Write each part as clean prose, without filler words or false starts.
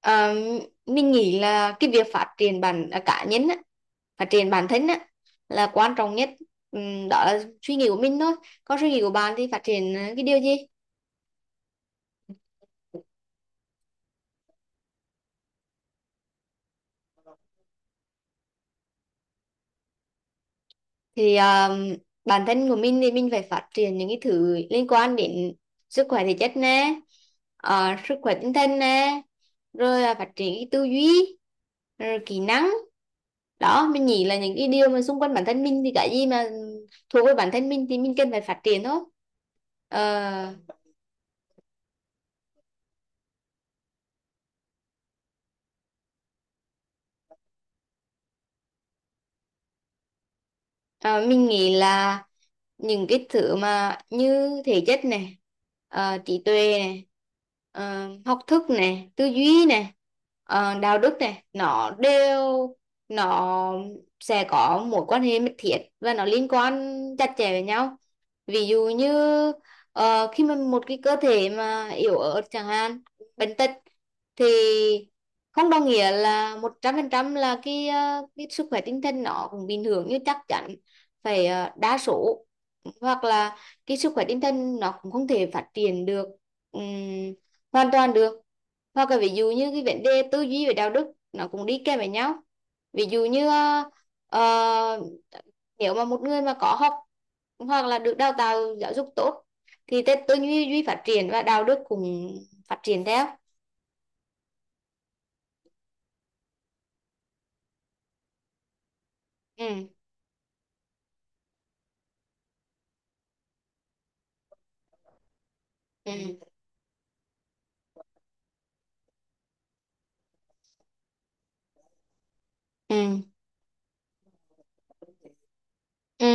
Ờ, mình nghĩ là cái việc phát triển cá nhân á, phát triển bản thân á, là quan trọng nhất. Đó là suy nghĩ của mình thôi. Còn suy nghĩ của bạn thì phát triển cái điều gì? Thì bản thân của mình thì mình phải phát triển những cái thứ liên quan đến sức khỏe thể chất nè, sức khỏe tinh thần nè, rồi là phát triển cái tư duy, rồi kỹ năng đó. Mình nghĩ là những cái điều mà xung quanh bản thân mình thì cái gì mà thuộc về bản thân mình thì mình cần phải phát triển thôi. Ờ, Ờ, mình nghĩ là những cái thứ mà như thể chất này, trí tuệ này, học thức này, tư duy này, đạo đức này, nó sẽ có mối quan hệ mật thiết và nó liên quan chặt chẽ với nhau. Ví dụ như khi mà một cái cơ thể mà yếu ớt chẳng hạn, bệnh tật, thì không đồng nghĩa là 100% là cái sức khỏe tinh thần nó cũng bình thường. Như chắc chắn phải đa số, hoặc là cái sức khỏe tinh thần nó cũng không thể phát triển được ừm, hoàn toàn được. Hoặc là ví dụ như cái vấn đề tư duy về đạo đức, nó cũng đi kèm với nhau. Ví dụ như ờ, nếu mà một người mà có học hoặc là được đào tạo giáo dục tốt thì tư tư duy duy phát triển và đạo đức cũng phát triển theo. Ừ. Ừ. Ừ. Ừ.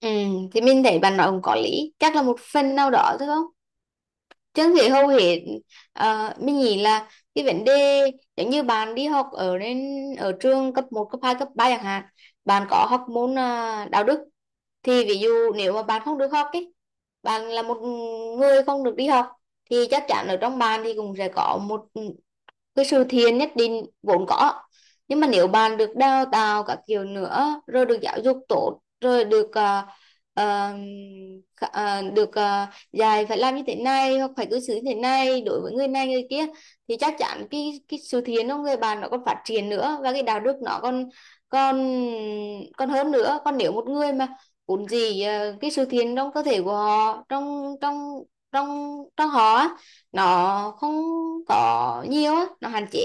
Ừ. Thì mình thấy bạn nói cũng có lý, chắc là một phần nào đó thôi không. Trương Thị hầu hết, mình nghĩ là cái vấn đề giống như bạn đi học ở trường cấp một cấp 2 cấp 3 chẳng hạn, bạn có học môn đạo đức. Thì ví dụ nếu mà bạn không được học ấy, bạn là một người không được đi học, thì chắc chắn ở trong bạn thì cũng sẽ có một cái sự thiện nhất định vốn có. Nhưng mà nếu bạn được đào tạo các kiểu nữa, rồi được giáo dục tốt, rồi được ờ, ờ, khả- ờ, được ờ, dạy phải làm như thế này hoặc phải cư xử như thế này đối với người này người kia, thì chắc chắn cái sự thiện của người bạn nó còn phát triển nữa và cái đạo đức nó còn còn còn hơn nữa. Còn nếu một người mà vốn cái sự thiện trong cơ thể của họ, trong trong trong trong họ nó không có nhiều á, nó hạn chế,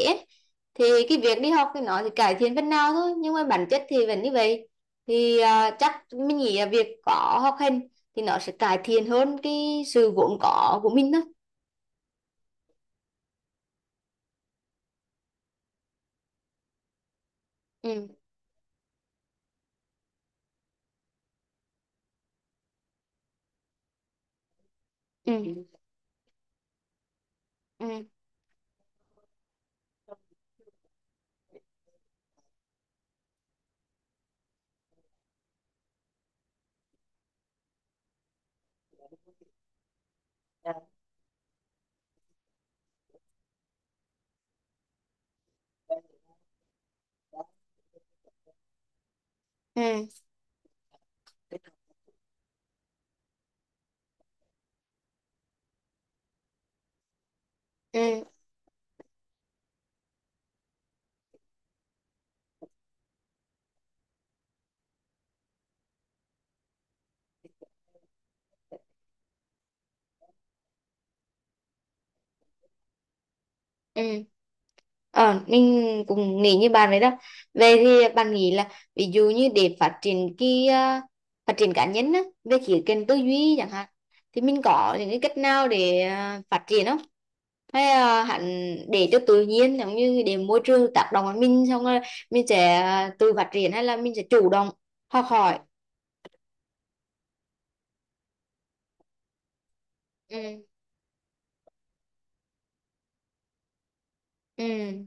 thì cái việc đi học thì cải thiện phần nào thôi, nhưng mà bản chất thì vẫn như vậy. Thì chắc mình nghĩ là việc có học hành thì nó sẽ cải thiện hơn cái sự vốn có của mình đó. Ừ. Ừ. Ừ. Ừ. Ừ. Ừ. Ừ. Ờ, mình cũng nghĩ như bạn vậy đó. Về thì bạn nghĩ là, ví dụ như để phát triển phát triển cá nhân á, về khía cạnh tư duy chẳng hạn, thì mình có những cái cách nào để phát triển không? Hay hẳn để cho tự nhiên, giống như để môi trường tác động vào mình xong rồi mình sẽ tự phát triển, hay là mình sẽ chủ động học hỏi? Ừ. Ừ.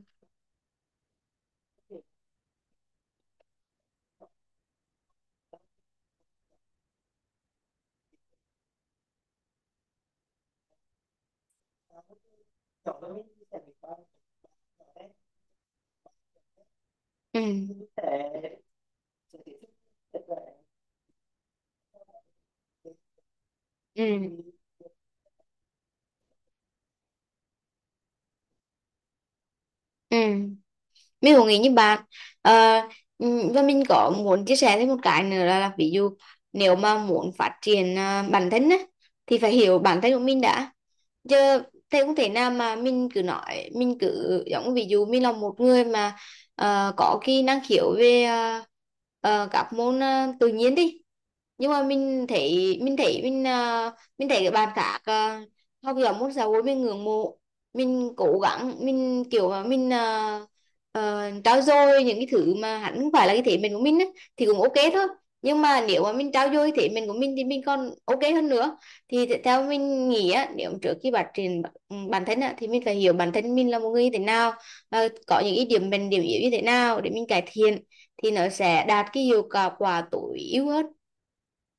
Ừ. Ừ. Ừ. Mình cũng nghĩ như bạn. Ờ, và mình có muốn chia sẻ thêm một cái nữa là ví dụ nếu mà muốn phát triển bản thân á, thì phải hiểu bản thân của mình đã chứ. Thế không thể nào mà mình cứ nói, mình cứ giống ví dụ mình là một người mà có cái năng khiếu về các môn tự nhiên đi, nhưng mà mình thấy các bạn khác học giỏi môn xã hội, mình ngưỡng mộ, mình cố gắng, mình kiểu mà mình trau dồi những cái thứ mà hẳn không phải là cái thế mạnh của mình á, thì cũng ok thôi. Nhưng mà nếu mà mình trau dồi thế mạnh của mình thì mình còn ok hơn nữa. Thì theo mình nghĩ á, nếu trước khi phát triển bản thân á, thì mình phải hiểu bản thân mình là một người như thế nào và có những cái điểm mạnh điểm yếu như thế nào để mình cải thiện, thì nó sẽ đạt cái hiệu quả quả tối ưu hơn.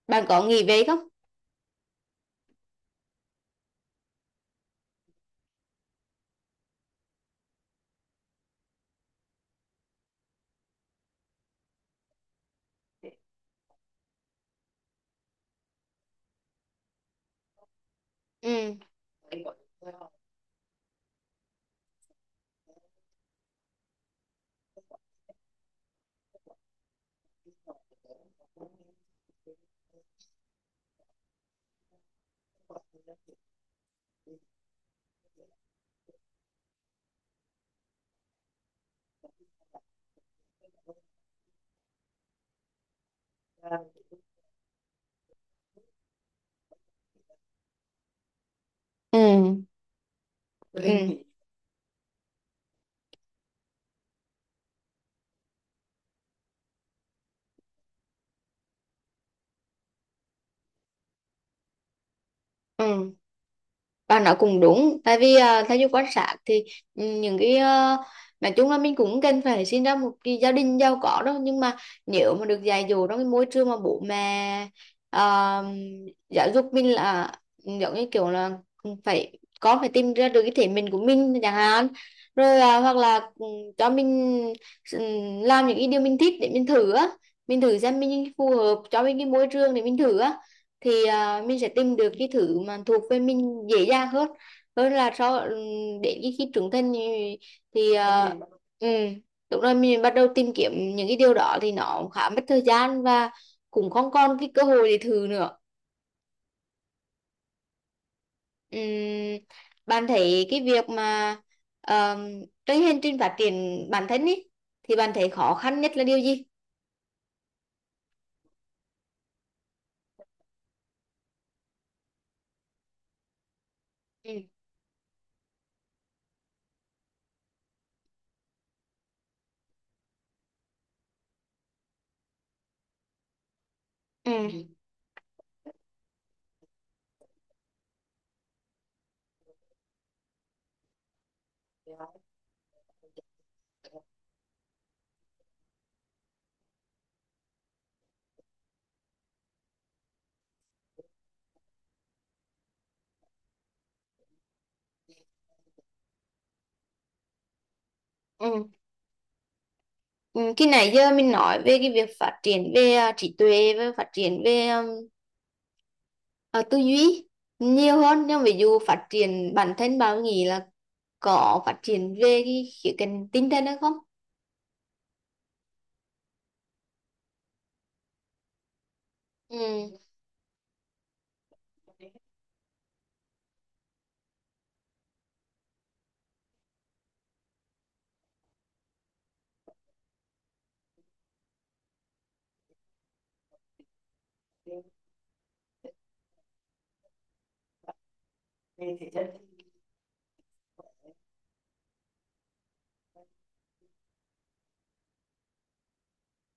Bạn có nghĩ vậy không? Ừ. Ừ. Ừ. Ừ. Bà nói cũng đúng. Tại vì theo như quan sát thì, những cái nói chung là, mình cũng cần phải sinh ra một cái gia đình giàu có đâu, nhưng mà nếu mà được dạy dỗ trong cái môi trường mà bố mẹ à, giáo dục mình là, giống như kiểu là con phải tìm ra được cái thể mình của mình chẳng hạn, rồi hoặc là cho mình ừ, làm những cái điều mình thích để mình thử á, mình thử xem mình phù hợp, cho mình cái môi trường để mình thử á, thì mình sẽ tìm được cái thứ mà thuộc về mình dễ dàng hơn, hơn là so để cái khi trưởng thành thì, thì à, ừ. Đúng rồi, mình bắt đầu tìm kiếm những cái điều đó thì nó khá mất thời gian, và cũng không còn cái cơ hội để thử nữa. Ừm, bạn thấy cái việc mà cái hành trình phát triển bản thân ý, thì bạn thấy khó khăn nhất là điều gì? Ừ. Ừ. Ừ. Ừ. Khi nãy giờ mình nói về cái việc phát triển về trí tuệ và phát triển về Ờ, tư duy nhiều hơn, nhưng ví dụ phát triển bản thân, bạn nghĩ là có phát triển về cái khía cạnh tinh thần hay không? Ừ.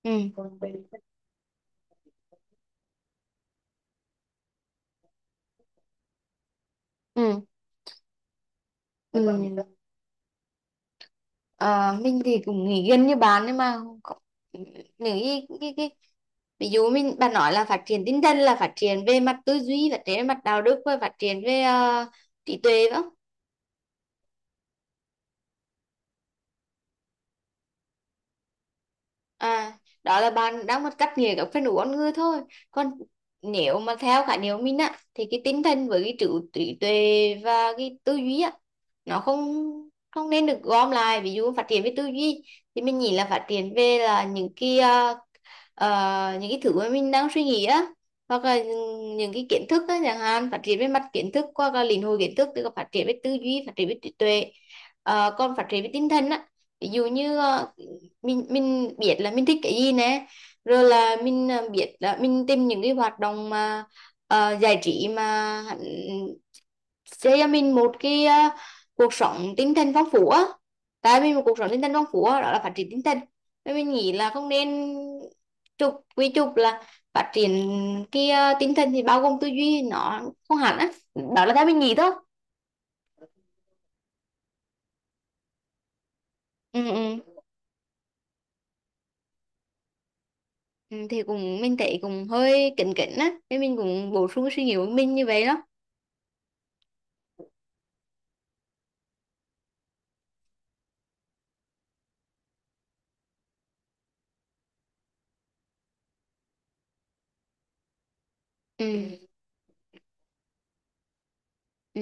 Ừ. Ừ. Thế. Ừ. Ờ, mình thì cũng nghĩ gần như bạn, nhưng mà có- những cái ví dụ, bạn nói là phát triển tinh thần là phát triển về mặt tư duy, phát triển về mặt đạo đức và phát triển về trí tuệ phải? À, đó là bạn đang một cách nghĩa các phần ứng con người thôi. Còn nếu mà theo khái niệm mình á, thì cái tinh thần với cái trí trí tuệ và cái tư duy á, nó không không nên được gom lại. Ví dụ phát triển về tư duy thì mình nghĩ là phát triển là những cái thứ mà mình đang suy nghĩ á, hoặc là những cái kiến thức á chẳng hạn, phát triển về mặt kiến thức qua các lĩnh hội kiến thức, tức là phát triển về tư duy, phát triển về trí tuệ. Còn phát triển về tinh thần á, ví dụ như mình biết là mình thích cái gì nè, rồi là mình biết là mình tìm những cái hoạt động mà giải trí mà hẳn sẽ cho mình một cái cuộc sống tinh thần phong phú á. Tại vì một cuộc sống tinh thần phong phú á, đó là phát triển tinh thần. Nên mình nghĩ là không nên trục là phát triển cái tinh thần thì bao gồm tư duy, nó không hẳn á. Đó là theo mình nghĩ thôi. Ừ, ừ. Ừ, thì cũng mình thấy cũng hơi kính kính á, nên mình cũng bổ sung suy nghĩ của mình như vậy đó. Ừ, ừ.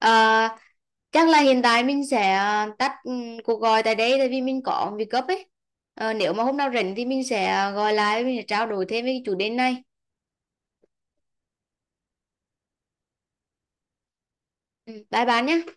Ờ, chắc là hiện tại mình sẽ tắt cuộc gọi tại đây, tại vì mình có việc gấp ấy. Nếu mà hôm nào rảnh thì mình sẽ gọi lại, mình sẽ trao đổi thêm về cái chủ đề này. Ừ, bye bye nhé.